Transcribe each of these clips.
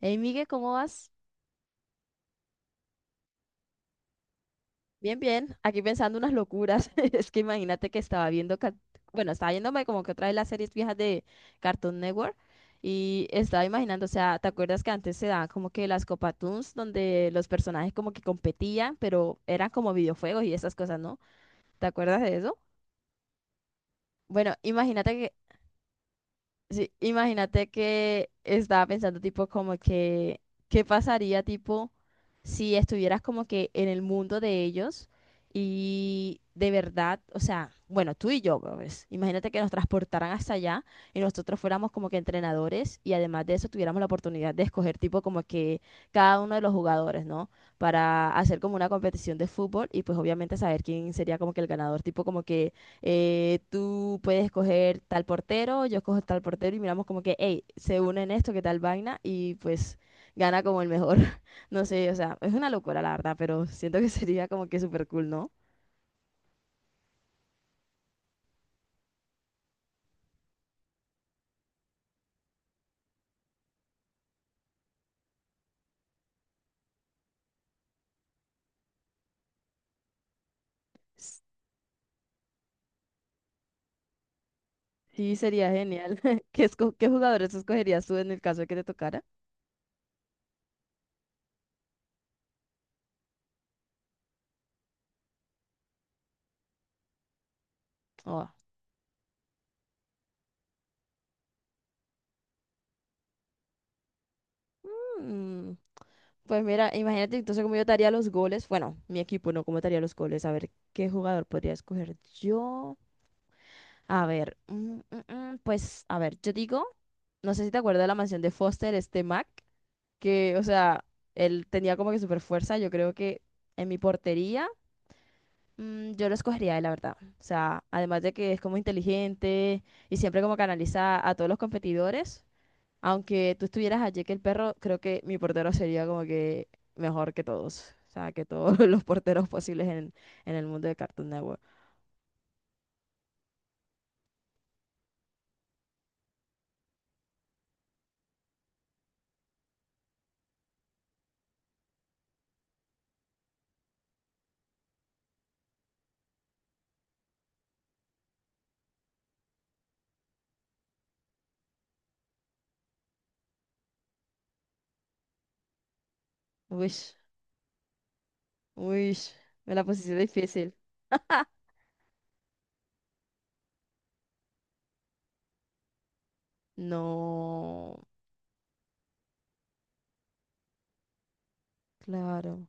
Hey, Miguel, ¿cómo vas? Bien, bien. Aquí pensando unas locuras. Es que imagínate que estaba viendo, bueno, estaba viéndome como que otra de las series viejas de Cartoon Network y estaba imaginando, o sea, ¿te acuerdas que antes se daban como que las Copa Toons donde los personajes como que competían, pero eran como videojuegos y esas cosas, ¿no? ¿Te acuerdas de eso? Bueno, imagínate. Sí, imagínate que estaba pensando tipo como que, ¿qué pasaría tipo si estuvieras como que en el mundo de ellos y de verdad, o sea, bueno, tú y yo, pues, imagínate que nos transportaran hasta allá y nosotros fuéramos como que entrenadores y además de eso tuviéramos la oportunidad de escoger tipo como que cada uno de los jugadores, ¿no? Para hacer como una competición de fútbol y pues obviamente saber quién sería como que el ganador, tipo como que tú puedes coger tal portero, yo cojo tal portero y miramos como que, hey, se unen esto, qué tal vaina, y pues gana como el mejor. No sé, o sea, es una locura la verdad, pero siento que sería como que súper cool, ¿no? S- Sí, sería genial. ¿Qué jugadores escogerías tú en el caso de que te tocara? Oh. Mm, pues mira, imagínate entonces cómo yo te haría los goles. Bueno, mi equipo no, cómo te haría los goles. A ver, ¿qué jugador podría escoger yo? A ver, pues, a ver, yo digo, no sé si te acuerdas de la mansión de Foster, este Mac, que, o sea, él tenía como que super fuerza. Yo creo que en mi portería, yo lo escogería, a él, la verdad. O sea, además de que es como inteligente y siempre como canaliza a todos los competidores. Aunque tú estuvieras allí que el perro, creo que mi portero sería como que mejor que todos. O sea, que todos los porteros posibles en el mundo de Cartoon Network. Uy, uy, me la pusiste difícil. No, claro.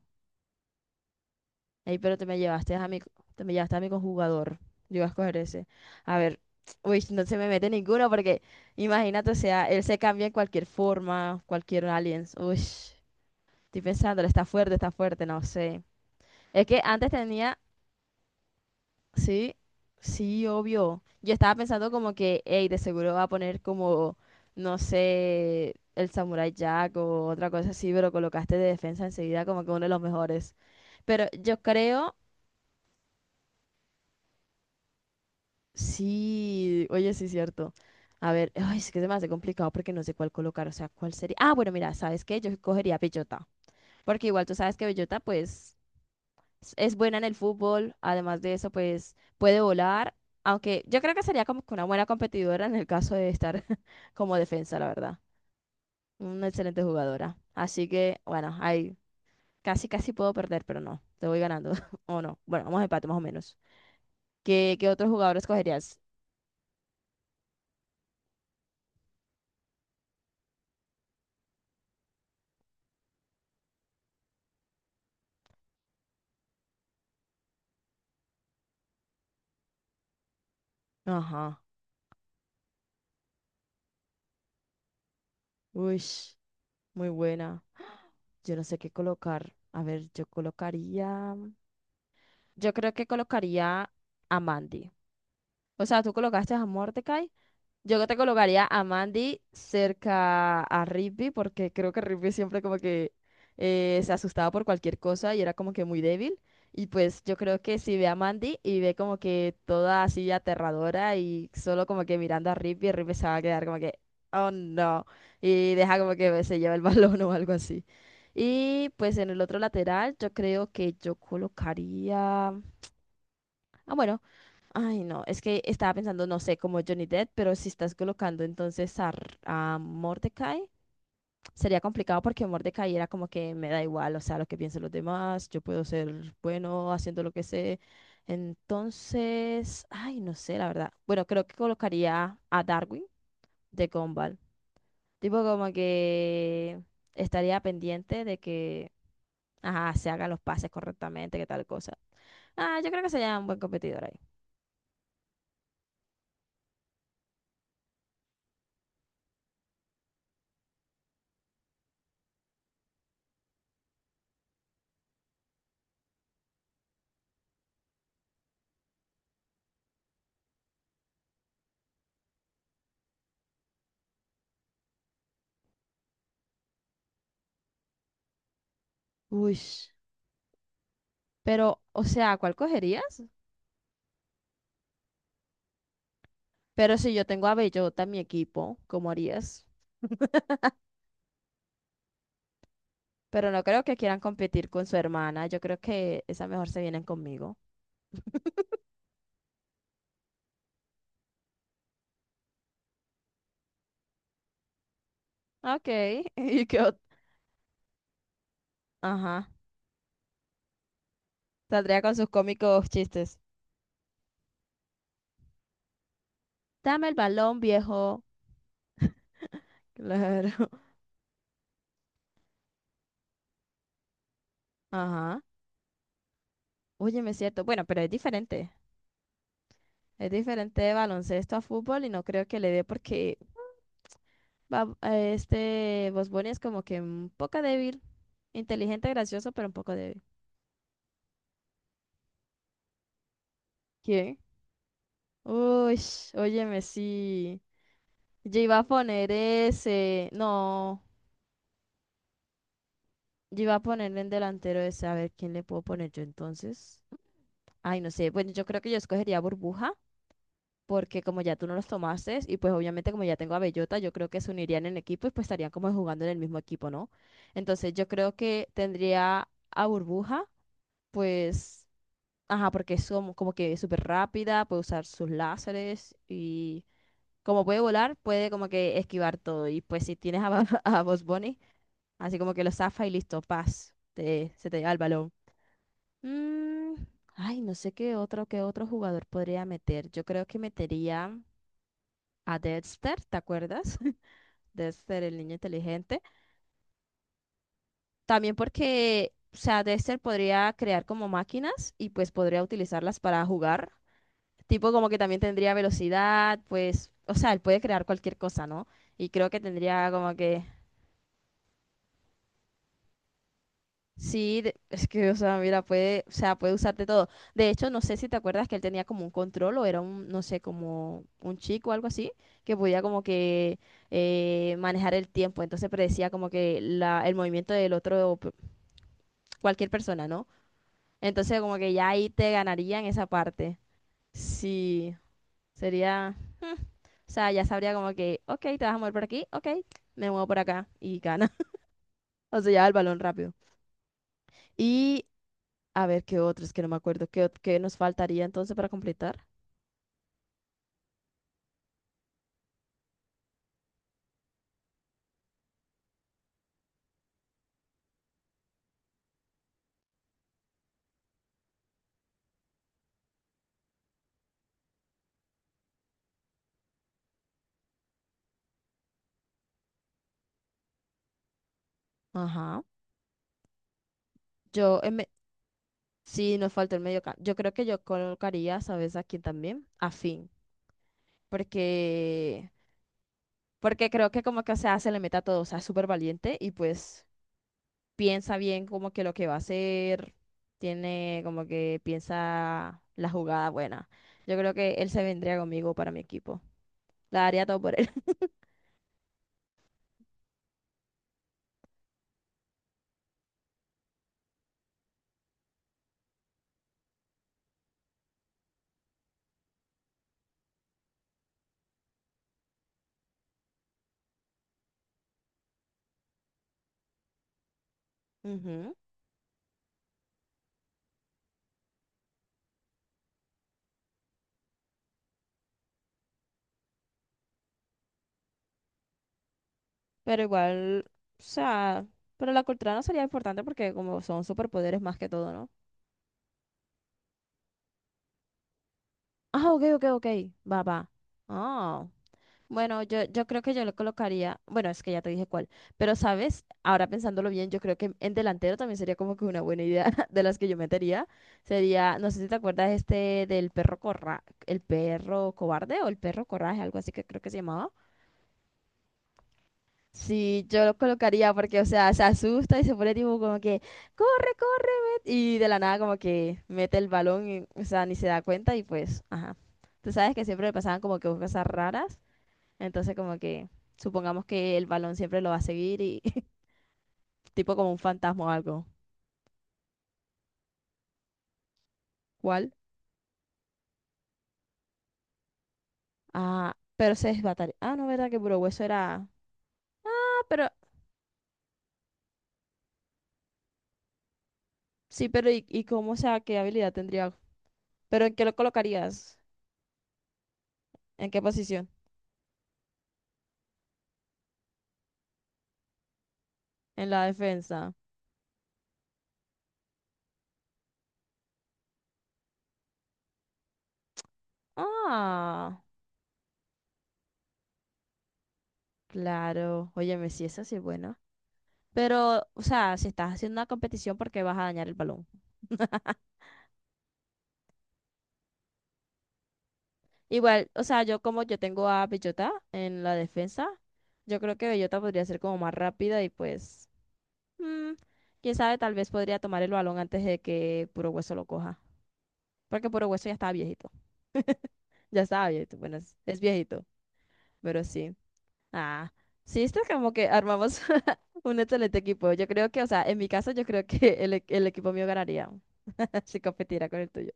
Ey, pero te me llevaste a mi, te me llevaste a mi conjugador. Yo iba a escoger ese. A ver, uy, no se me mete ninguno porque imagínate, o sea, él se cambia en cualquier forma, cualquier aliens. Uy, estoy pensando, está fuerte, no sé. Es que antes tenía. Sí, sí, obvio. Yo estaba pensando como que, hey, de seguro va a poner como, no sé, el Samurai Jack o otra cosa así, pero colocaste de defensa enseguida como que uno de los mejores. Pero yo creo, sí, oye, sí, cierto. A ver, ay, es que se me hace complicado porque no sé cuál colocar, o sea, cuál sería. Ah, bueno, mira, ¿sabes qué? Yo cogería Bellota, porque igual tú sabes que Bellota, pues es buena en el fútbol, además de eso, pues puede volar, aunque yo creo que sería como que una buena competidora en el caso de estar como defensa, la verdad. Una excelente jugadora. Así que, bueno, ahí casi, casi puedo perder, pero no, te voy ganando, o no. Bueno, vamos a empate más o menos. ¿Qué otro jugador escogerías? Ajá, uy, muy buena. Yo no sé qué colocar. A ver, yo colocaría... Yo creo que colocaría a Mandy. O sea, ¿tú colocaste a Mordecai? Yo que te colocaría a Mandy cerca a Rigby, porque creo que Rigby siempre como que se asustaba por cualquier cosa y era como que muy débil. Y pues yo creo que si ve a Mandy y ve como que toda así aterradora y solo como que mirando a Rigby, Rigby se va a quedar como que, oh no, y deja como que se lleva el balón o algo así. Y pues en el otro lateral yo creo que yo colocaría... Ah, bueno. Ay, no, es que estaba pensando, no sé, como Johnny Depp, pero si estás colocando entonces a, a Mordecai, sería complicado porque Mordecai era como que me da igual, o sea, lo que piensen los demás, yo puedo ser bueno haciendo lo que sé. Entonces, ay, no sé, la verdad. Bueno, creo que colocaría a Darwin de Gumball. Tipo como que estaría pendiente de que, ajá, se hagan los pases correctamente, que tal cosa. Ah, yo creo que sería un buen competidor ahí. Uy. Pero, o sea, ¿cuál cogerías? Pero si yo tengo a Bellota en mi equipo, ¿cómo harías? Pero no creo que quieran competir con su hermana. Yo creo que esa mejor se vienen conmigo. Ah, ok. Y que... ajá, saldría con sus cómicos chistes. Dame el balón, viejo. Claro. Ajá. Óyeme, es cierto. Bueno, pero es diferente. Es diferente de baloncesto a fútbol y no creo que le dé porque este Bosboni es como que un poco débil. Inteligente, gracioso, pero un poco débil. ¿Quién? Uy, óyeme, sí. Yo iba a poner ese. No, yo iba a ponerle en delantero ese. A ver, ¿quién le puedo poner yo entonces? Ay, no sé. Bueno, yo creo que yo escogería burbuja, porque como ya tú no los tomaste, y pues obviamente como ya tengo a Bellota, yo creo que se unirían en equipo y pues estarían como jugando en el mismo equipo, ¿no? Entonces yo creo que tendría a burbuja, pues, ajá, porque es como, como que súper rápida, puede usar sus láseres y... como puede volar, puede como que esquivar todo. Y pues si tienes a, a Bugs Bunny, así como que lo zafa y listo, paz, se te lleva el balón. Mm, ay, no sé qué otro jugador podría meter. Yo creo que metería a Dexter, ¿te acuerdas? Dexter, el niño inteligente. También porque, o sea, Dexter podría crear como máquinas y pues podría utilizarlas para jugar. Tipo como que también tendría velocidad, pues, o sea, él puede crear cualquier cosa, ¿no? Y creo que tendría como que. Sí, es que, o sea, mira, puede, o sea, puede usarte todo. De hecho, no sé si te acuerdas que él tenía como un control o era un, no sé, como un chico o algo así, que podía como que manejar el tiempo. Entonces predecía como que el movimiento del otro, cualquier persona, ¿no? Entonces como que ya ahí te ganaría en esa parte. Sí, sería, o sea, ya sabría como que, ok, te vas a mover por aquí, ok, me muevo por acá y gana. O sea, ya el balón rápido. Y a ver, ¿qué otros? Que no me acuerdo. ¿Qué nos faltaría entonces para completar? Ajá. Yo, en me- sí, nos falta el medio campo. Yo creo que yo colocaría, ¿sabes a quién también? A Finn. Porque, porque creo que como que o sea, se le mete a todo. O sea, es súper valiente y pues piensa bien como que lo que va a hacer. Tiene como que piensa la jugada buena. Yo creo que él se vendría conmigo para mi equipo. La daría todo por él. Ujú. Pero igual, o sea, pero la cultura no sería importante porque como son superpoderes más que todo, ¿no? Ah, ok, ok, ok, va, va. Ah, bueno, yo creo que yo le colocaría, bueno, es que ya te dije cuál, pero sabes, ahora pensándolo bien, yo creo que en delantero también sería como que una buena idea de las que yo metería. Sería, no sé si te acuerdas este del perro corra, el perro cobarde o el perro coraje, algo así que creo que se llamaba. Sí, yo lo colocaría porque, o sea, se asusta y se pone tipo como que, corre, corre, y de la nada como que mete el balón, y, o sea, ni se da cuenta y pues, ajá. Tú sabes que siempre le pasaban como que cosas raras, entonces como que supongamos que el balón siempre lo va a seguir y tipo como un fantasma o algo. ¿Cuál? Ah, pero se desbataría. Ah, no, verdad que puro hueso era... Ah, pero sí, pero ¿y cómo, o sea, qué habilidad tendría? ¿Pero en qué lo colocarías? ¿En qué posición? En la defensa. Ah. Claro, óyeme, sí, eso sí es bueno. Pero, o sea, si estás haciendo una competición, ¿por qué vas a dañar el balón? Igual, o sea, yo como yo tengo a Bellota en la defensa, yo creo que Bellota podría ser como más rápida y pues, mm, quién sabe, tal vez podría tomar el balón antes de que Puro Hueso lo coja. Porque Puro Hueso ya estaba viejito. Ya estaba viejito, bueno, es viejito, pero sí. Ah, sí, esto es como que armamos un excelente equipo. Yo creo que, o sea, en mi caso, yo creo que el equipo mío ganaría si competiera con el tuyo.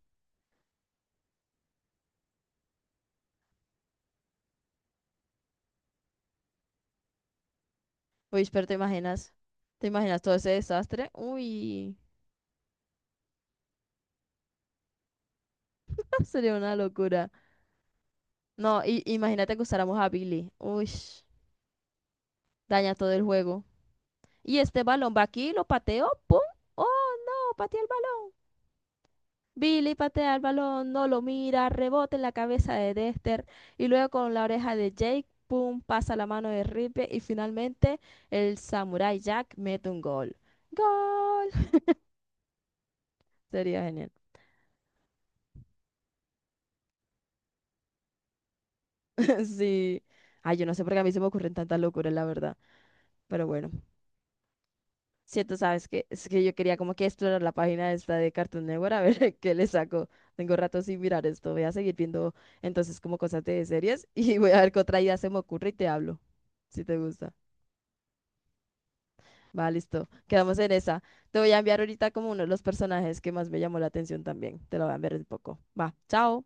Uy, pero te imaginas todo ese desastre. Uy, sería una locura. No, y, imagínate que usáramos a Billy. Uy, daña todo el juego. Y este balón va aquí, lo pateó, ¡pum! ¡Oh, no! Patea el balón. Billy patea el balón, no lo mira, rebota en la cabeza de Dexter. Y luego con la oreja de Jake, ¡pum! Pasa la mano de Ripley. Y finalmente el Samurai Jack mete un gol. ¡Gol! Sería genial. Sí. Ay, yo no sé por qué a mí se me ocurren tantas locuras, la verdad. Pero bueno, siento, sabes que es que yo quería como que explorar la página esta de Cartoon Network a ver qué le saco. Tengo rato sin mirar esto. Voy a seguir viendo entonces como cosas de series y voy a ver qué otra idea se me ocurre y te hablo. Si te gusta. Va, listo. Quedamos en esa. Te voy a enviar ahorita como uno de los personajes que más me llamó la atención también. Te lo voy a enviar un poco. Va, chao.